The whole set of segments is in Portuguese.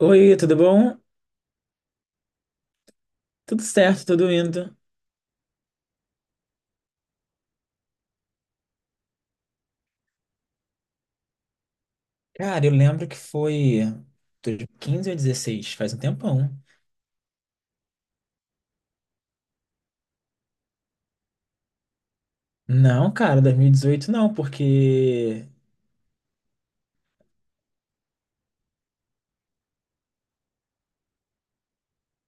Oi, tudo bom? Tudo certo, tudo indo. Cara, eu lembro que foi 2015 ou 2016, faz um tempão. Não, cara, 2018 não, porque...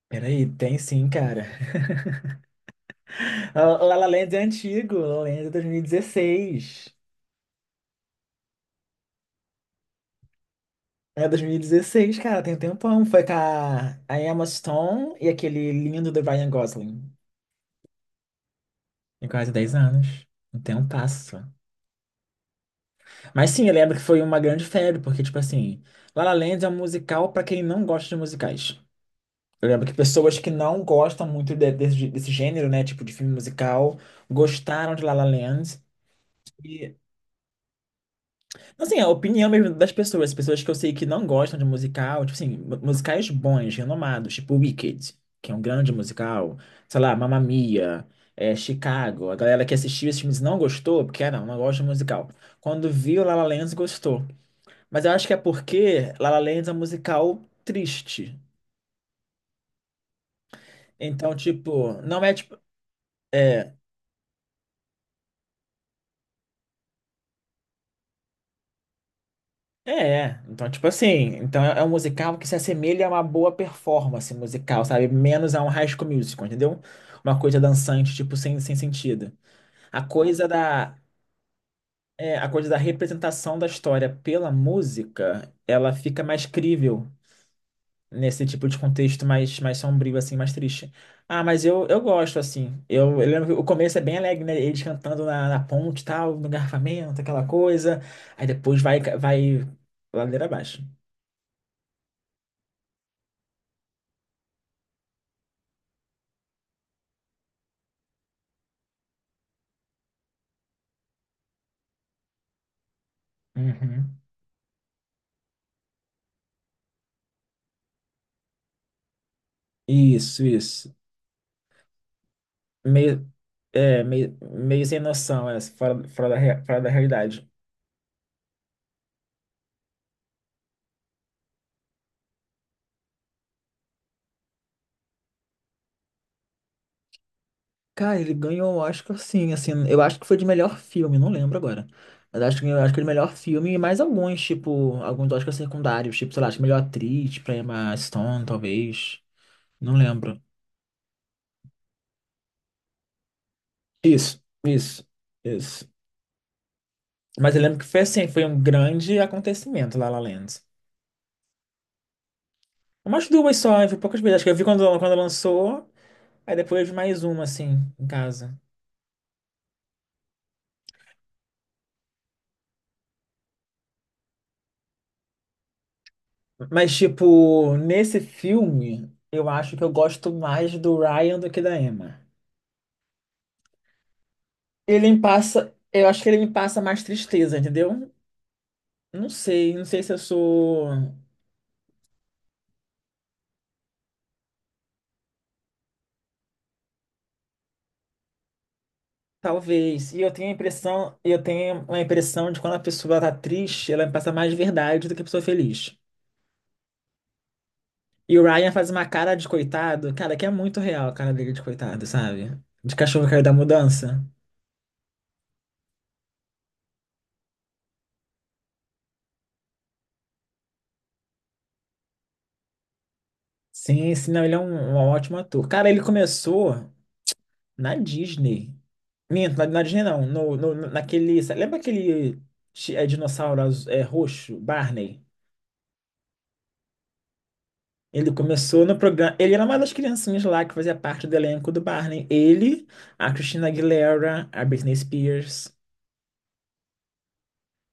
Peraí, tem sim, cara. La La Land é antigo, La La Land é 2016. É 2016, cara, tem um tempão. Foi com a Emma Stone e aquele lindo do Ryan Gosling. Tem quase 10 anos. Não tem um passo. Mas sim, eu lembro que foi uma grande febre, porque, tipo assim, La La Land é um musical pra quem não gosta de musicais. Eu lembro que pessoas que não gostam muito desse gênero, né, tipo de filme musical, gostaram de La La Land. E, assim, a opinião mesmo das pessoas, as pessoas que eu sei que não gostam de musical, tipo assim, musicais bons, renomados, tipo Wicked, que é um grande musical, sei lá, Mamma Mia, Chicago. A galera que assistiu esses filmes não gostou, porque, ah, não, não gosta de musical. Quando viu La La Land, gostou. Mas eu acho que é porque La La Land é um musical triste. Então, tipo, não é tipo. é, então, tipo assim, então é um musical que se assemelha a uma boa performance musical, sabe? Menos a um High School Musical, entendeu? Uma coisa dançante, tipo, sem sentido. A coisa da, a coisa da representação da história pela música, ela fica mais crível nesse tipo de contexto mais sombrio, assim, mais triste. Ah, mas eu gosto, assim. Eu lembro que o começo é bem alegre, né? Eles cantando na ponte e tal, no garfamento, aquela coisa. Aí depois vai ladeira abaixo. Uhum. Isso, isso. Meio, meio sem noção, fora da realidade. Cara, ele ganhou o Oscar sim, assim, eu acho que foi de melhor filme, não lembro agora. Mas acho que eu acho que ele melhor filme e mais alguns, tipo, alguns Oscars secundários, tipo, sei lá, acho que melhor atriz, tipo, Emma Stone, talvez. Não lembro. Isso, isso, isso. Mas eu lembro que foi assim, foi um grande acontecimento lá La La Land. Umas duas só, eu vi poucas vezes. Acho que eu vi quando lançou, aí depois eu vi mais uma, assim, em casa. Mas, tipo, nesse filme, eu acho que eu gosto mais do Ryan do que da Emma. Ele me passa, eu acho que ele me passa mais tristeza, entendeu? Não sei se eu sou. Talvez. E eu tenho uma impressão de quando a pessoa tá triste, ela me passa mais verdade do que a pessoa feliz. E o Ryan faz uma cara de coitado, cara, que é muito real a cara dele de coitado, sabe? De cachorro que caiu da mudança. Sim, sim, não, ele é um ótimo ator. Cara, ele começou. Na Disney. Minto, na Disney não. Lembra aquele dinossauro roxo, Barney? Ele começou no programa. Ele era uma das criancinhas lá que fazia parte do elenco do Barney. Ele, a Christina Aguilera, a Britney Spears.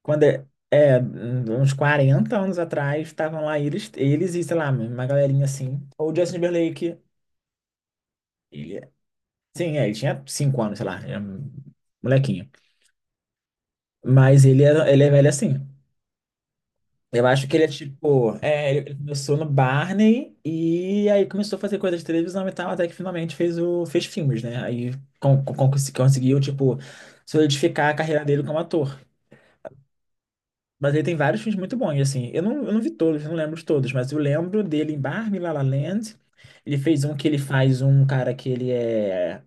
Quando uns 40 anos atrás, estavam lá eles e, sei lá, uma galerinha assim. Ou Justin Timberlake. Ele, sim, ele tinha 5 anos, sei lá. Era um molequinho. Mas ele é velho assim. Eu acho que ele é tipo. Ele começou no Barney e aí começou a fazer coisa de televisão e tal, até que finalmente fez filmes, né? Aí conseguiu, tipo, solidificar a carreira dele como ator. Mas ele tem vários filmes muito bons, assim. Eu não vi todos, não lembro de todos, mas eu lembro dele em Barbie, La La Land. Ele fez um que ele faz um cara que ele é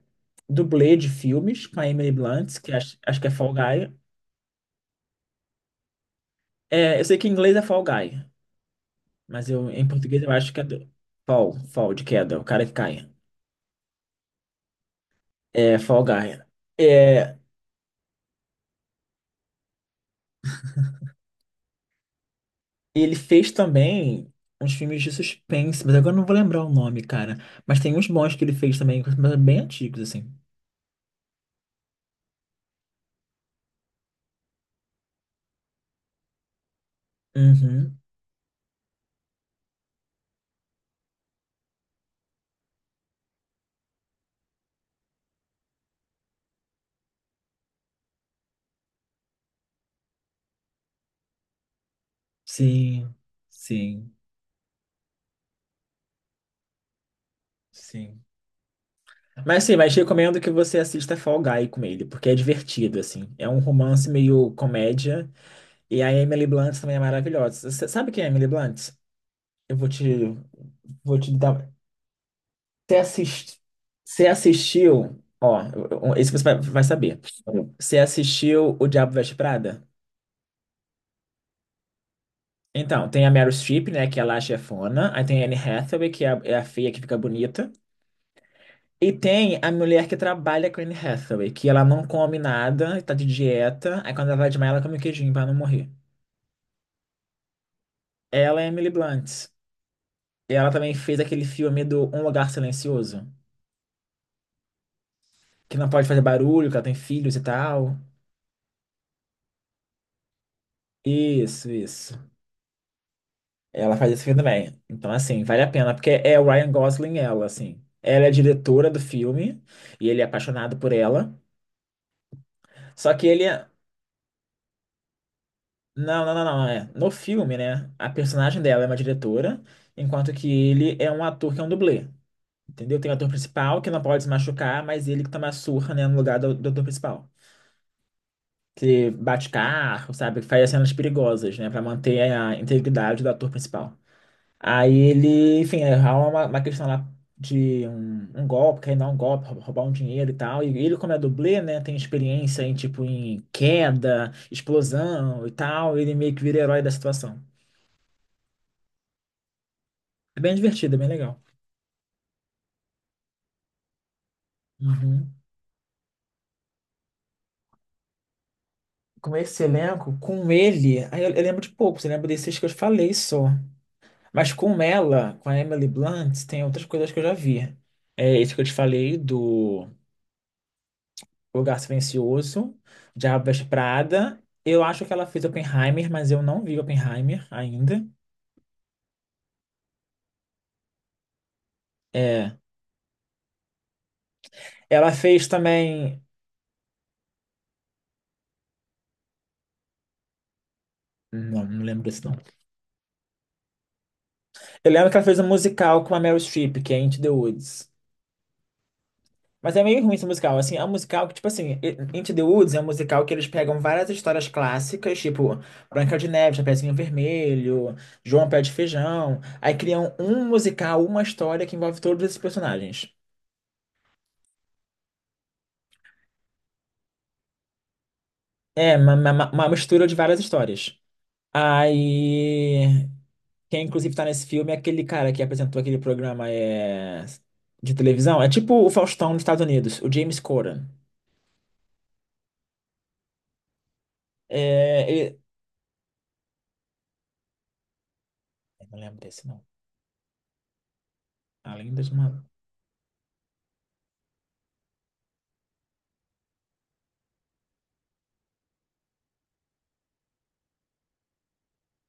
dublê de filmes com a Emily Blunt, que acho que é Fall Guy. Eu sei que em inglês é Fall Guy. Mas em português eu acho que é fall de queda, o cara que cai. Fall Guy. É, Ele fez também uns filmes de suspense, mas agora eu não vou lembrar o nome, cara. Mas tem uns bons que ele fez também, mas bem antigos, assim. Uhum. Sim, sim, sim. Mas sim, mas recomendo que você assista Fall Guy com ele, porque é divertido, assim. É um romance meio comédia. E a Emily Blunt também é maravilhosa. Você sabe quem é a Emily Blunt? Eu vou te dar. Você assist... você assistiu, ó, esse você vai saber. Você assistiu O Diabo Veste Prada? Então, tem a Meryl Streep, né, que é lá a chefona. Aí tem a Anne Hathaway, que é a feia que fica bonita. E tem a mulher que trabalha com a Anne Hathaway, que ela não come nada, tá de dieta. Aí quando ela vai desmaiar, ela come um queijinho pra não morrer. Ela é Emily Blunt. E ela também fez aquele filme do Um Lugar Silencioso, que não pode fazer barulho, que ela tem filhos e tal. Isso, isso. Ela faz esse filme também. Então, assim, vale a pena, porque é o Ryan Gosling ela, assim. Ela é a diretora do filme e ele é apaixonado por ela. Só que ele é... Não, não, não, não. É. No filme, né? A personagem dela é uma diretora, enquanto que ele é um ator que é um dublê. Entendeu? Tem o ator principal que não pode se machucar, mas ele que toma a surra, né, no lugar do ator principal. Que bate carro, sabe? Que faz as cenas perigosas, né? Pra manter a integridade do ator principal. Aí ele, enfim, é uma questão lá de um golpe, querer dar um golpe, roubar um dinheiro e tal. E ele, como é dublê, né, tem experiência em, tipo, em queda, explosão e tal. Ele meio que vira herói da situação. É bem divertido, é bem legal. Uhum. Com esse elenco, com ele, aí eu lembro de poucos, eu lembro desses que eu falei só. Mas com ela, com a Emily Blunt, tem outras coisas que eu já vi. É esse que eu te falei do Lugar Silencioso, Diabo Veste Prada. Eu acho que ela fez Oppenheimer, mas eu não vi Oppenheimer ainda. É. Ela fez também. Não, não lembro desse nome. Eu lembro que ela fez um musical com a Meryl Streep, que é Into the Woods. Mas é meio ruim esse musical. Assim, é um musical que, tipo assim, Into the Woods é um musical que eles pegam várias histórias clássicas, tipo Branca de Neve, Chapeuzinho Vermelho, João Pé de Feijão. Aí criam um musical, uma história que envolve todos esses personagens. É uma mistura de várias histórias. Aí, quem inclusive tá nesse filme é aquele cara que apresentou aquele programa de televisão. É tipo o Faustão dos Estados Unidos, o James Corden. É, ele- eu não lembro desse, não. Além dos uma...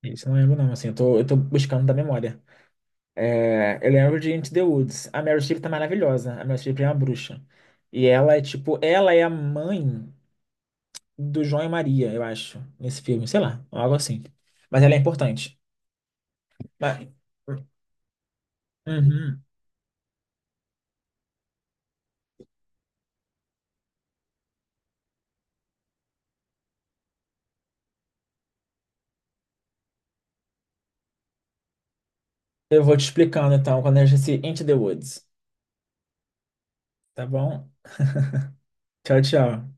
isso eu não lembro, não. Assim, eu tô buscando da memória. Eu lembro de Into the Woods. A Meryl Streep tá maravilhosa. A Meryl Streep é uma bruxa. Ela é a mãe do João e Maria, eu acho, nesse filme. Sei lá, algo assim. Mas ela é importante. Mas... Uhum. Eu vou te explicando então quando a gente se into the woods, tá bom? Tchau, tchau.